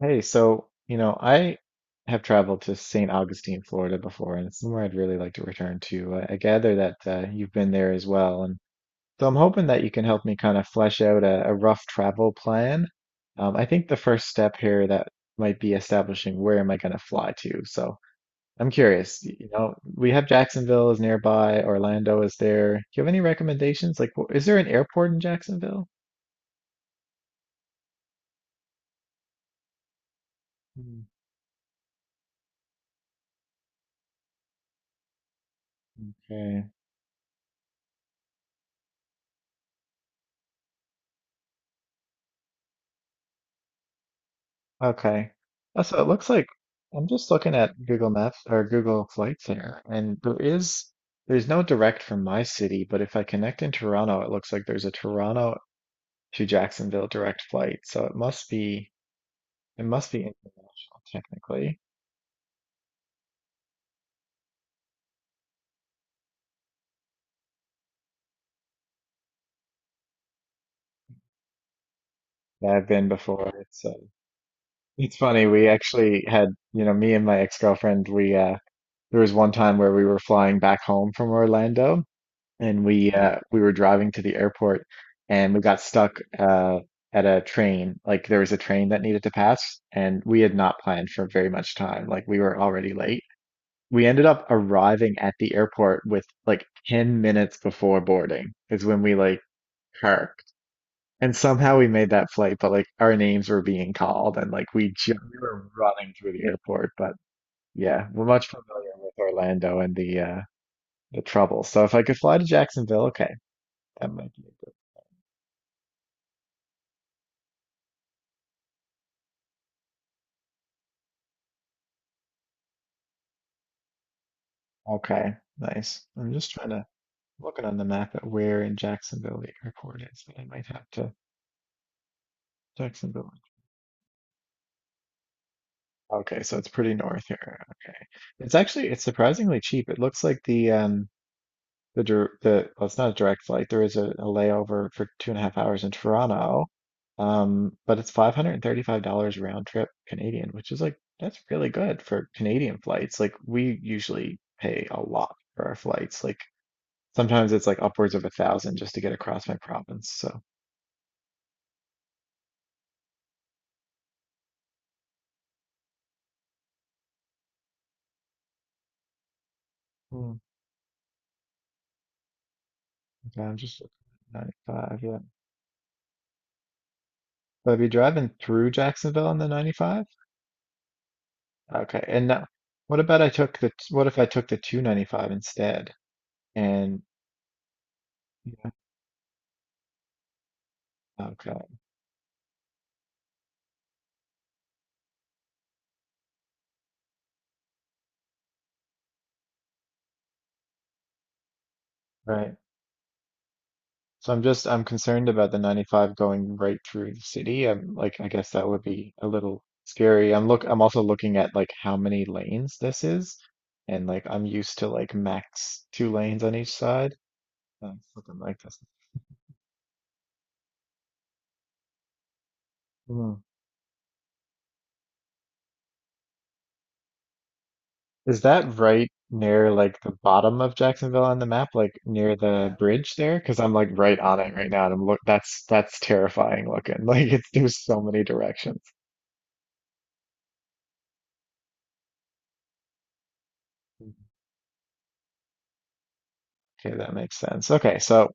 Hey, so, I have traveled to St. Augustine, Florida before, and it's somewhere I'd really like to return to. I gather that you've been there as well. And so I'm hoping that you can help me kind of flesh out a rough travel plan. I think the first step here that might be establishing where am I going to fly to. So I'm curious, we have Jacksonville is nearby, Orlando is there. Do you have any recommendations? Like, is there an airport in Jacksonville? Hmm. Okay. Okay. So it looks like I'm just looking at Google Maps or Google Flights here, and there's no direct from my city, but if I connect in Toronto, it looks like there's a Toronto to Jacksonville direct flight. So it must be international technically. Yeah, I've been before. It's funny. We actually me and my ex-girlfriend, we there was one time where we were flying back home from Orlando, and we were driving to the airport, and we got stuck uh at a train. Like, there was a train that needed to pass, and we had not planned for very much time. Like, we were already late. We ended up arriving at the airport with like 10 minutes before boarding is when we like parked, and somehow we made that flight. But like our names were being called, and like we were running through the airport. But yeah, we're much familiar with Orlando and the trouble. So if I could fly to Jacksonville, okay, that might be. Okay, nice. I'm just trying to looking on the map at where in Jacksonville the airport is, and I might have to Jacksonville. Okay, so it's pretty north here. Okay, it's actually it's surprisingly cheap. It looks like the dir- the well, it's not a direct flight. There is a layover for 2.5 hours in Toronto, but it's $535 round trip Canadian, which is like that's really good for Canadian flights. Like, we usually pay a lot for our flights. Like, sometimes it's like upwards of a thousand just to get across my province. So hmm, okay, I'm just looking at 95. Yeah. But I'd be driving through Jacksonville on the 95, okay. And now, what about I took the? What if I took the 295 instead? And okay, right. So I'm concerned about the 95 going right through the city. I'm like, I guess that would be a little scary. I'm also looking at like how many lanes this is, and like I'm used to like max two lanes on each side. Something like this. Hmm. Is that right near like the bottom of Jacksonville on the map, like near the bridge there? Because I'm like right on it right now, and I'm look. That's terrifying looking. Like, it's there's so many directions. Okay, that makes sense. Okay, so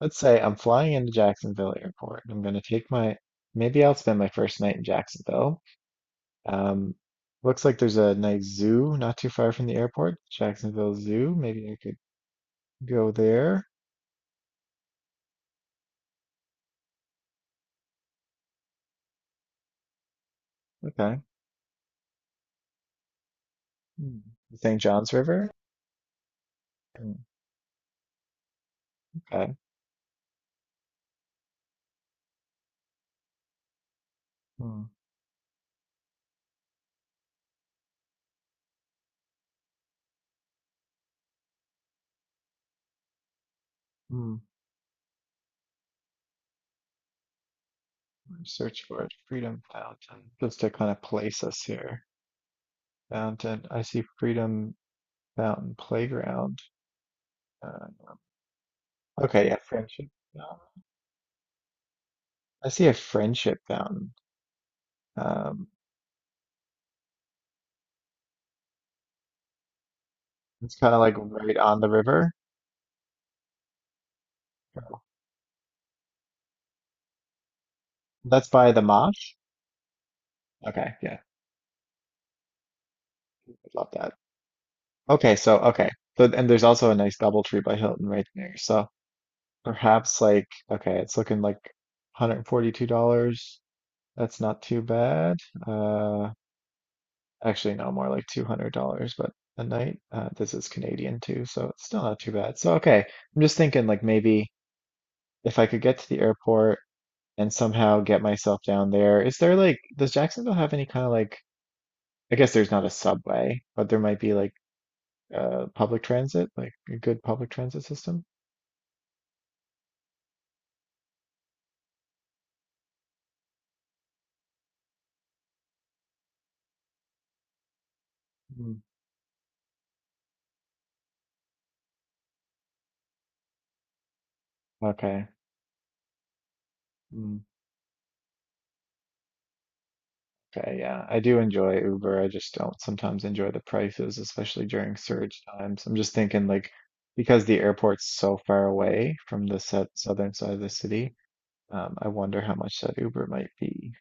let's say I'm flying into Jacksonville Airport. I'm gonna take my maybe I'll spend my first night in Jacksonville. Um, looks like there's a nice zoo not too far from the airport, Jacksonville Zoo. Maybe I could go there. Okay. Hmm. St. John's River. Hmm. Okay. Mm, mm. Search for it. Freedom Fountain. Just to kind of place us here. Fountain. I see Freedom Fountain Playground. Uh, okay, yeah, friendship. Uh, I see a friendship fountain. Um, it's kind of like right on the river. That's by the Mosh. Okay, yeah, I love that. Okay, so and there's also a nice double tree by Hilton right there. So perhaps like okay, it's looking like $142. That's not too bad. Uh, actually, no, more like $200, but a night, this is Canadian too, so it's still not too bad. So okay, I'm just thinking like maybe if I could get to the airport and somehow get myself down there. Is there like, does Jacksonville have any kind of, like, I guess there's not a subway, but there might be like public transit, like a good public transit system? Mm. Okay. Hmm. Okay, yeah, I do enjoy Uber. I just don't sometimes enjoy the prices, especially during surge times. I'm just thinking like, because the airport's so far away from the set southern side of the city, I wonder how much that Uber might be.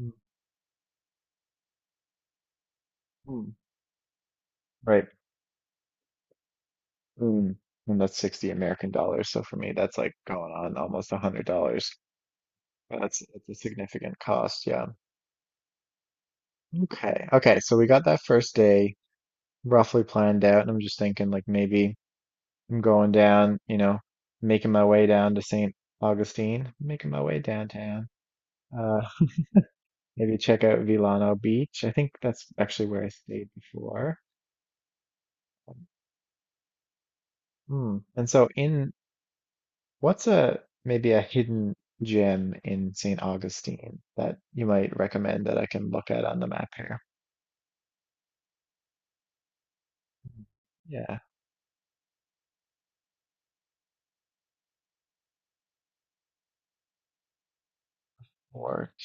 Mm, mm. Right. Mm. And that's 60 American dollars. So for me, that's like going on almost $100. That's a significant cost. Yeah. Okay. Okay. So we got that first day roughly planned out. And I'm just thinking like, maybe. I'm going down, making my way down to St. Augustine, making my way downtown. Uh, maybe check out Vilano Beach. I think that's actually where I stayed before. Hmm. And so, in what's a maybe a hidden gem in St. Augustine that you might recommend that I can look at on the map here? Yeah, Fort.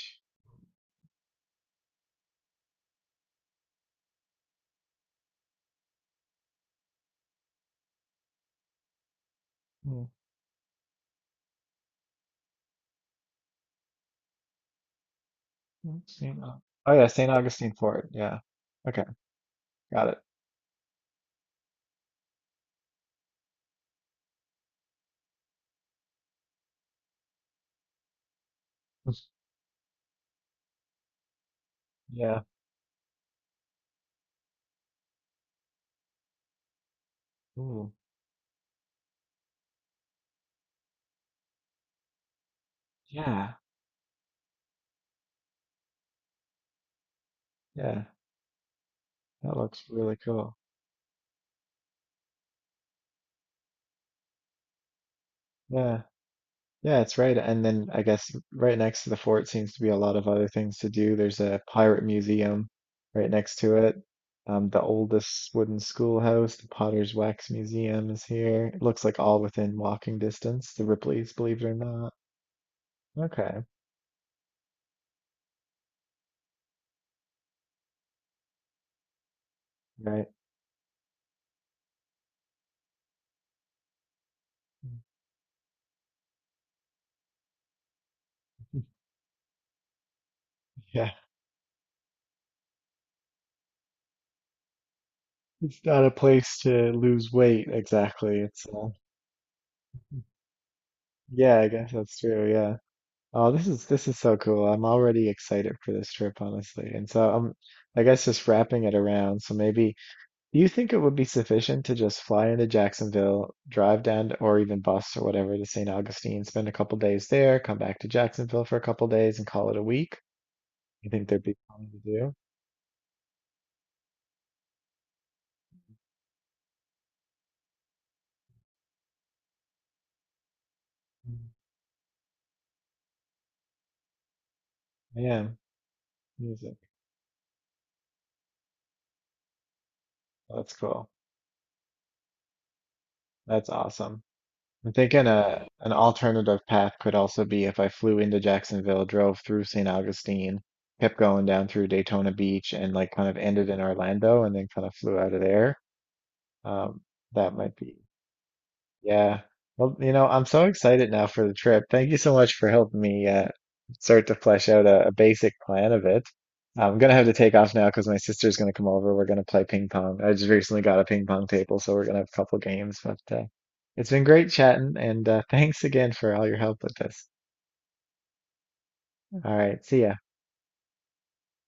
Hmm, hmm. Oh yeah, St. Augustine Fort. Yeah. Okay, got it. Yeah. Ooh. Yeah. Yeah. That looks really cool. Yeah, yeah, it's right. And then I guess right next to the fort seems to be a lot of other things to do. There's a pirate museum right next to it. The oldest wooden schoolhouse, the Potter's Wax Museum is here. It looks like all within walking distance, the Ripley's, believe it or not. Okay, right. Yeah, it's not a place to lose weight exactly. It's yeah, I guess that's true. Yeah. Oh, this is so cool. I'm already excited for this trip, honestly. And so I guess just wrapping it around. So maybe, do you think it would be sufficient to just fly into Jacksonville, drive down to, or even bus or whatever, to St. Augustine, spend a couple days there, come back to Jacksonville for a couple days, and call it a week? You think there'd be plenty to do? Mm. Yeah, music. That's cool. That's awesome. I'm thinking a an alternative path could also be if I flew into Jacksonville, drove through St. Augustine, kept going down through Daytona Beach, and like kind of ended in Orlando, and then kind of flew out of there. Um, that might be, yeah. Well, I'm so excited now for the trip. Thank you so much for helping me start to flesh out a basic plan of it. I'm gonna have to take off now because my sister's gonna come over. We're gonna play ping pong. I just recently got a ping pong table, so we're gonna have a couple games. But it's been great chatting, and thanks again for all your help with this. All right, see ya.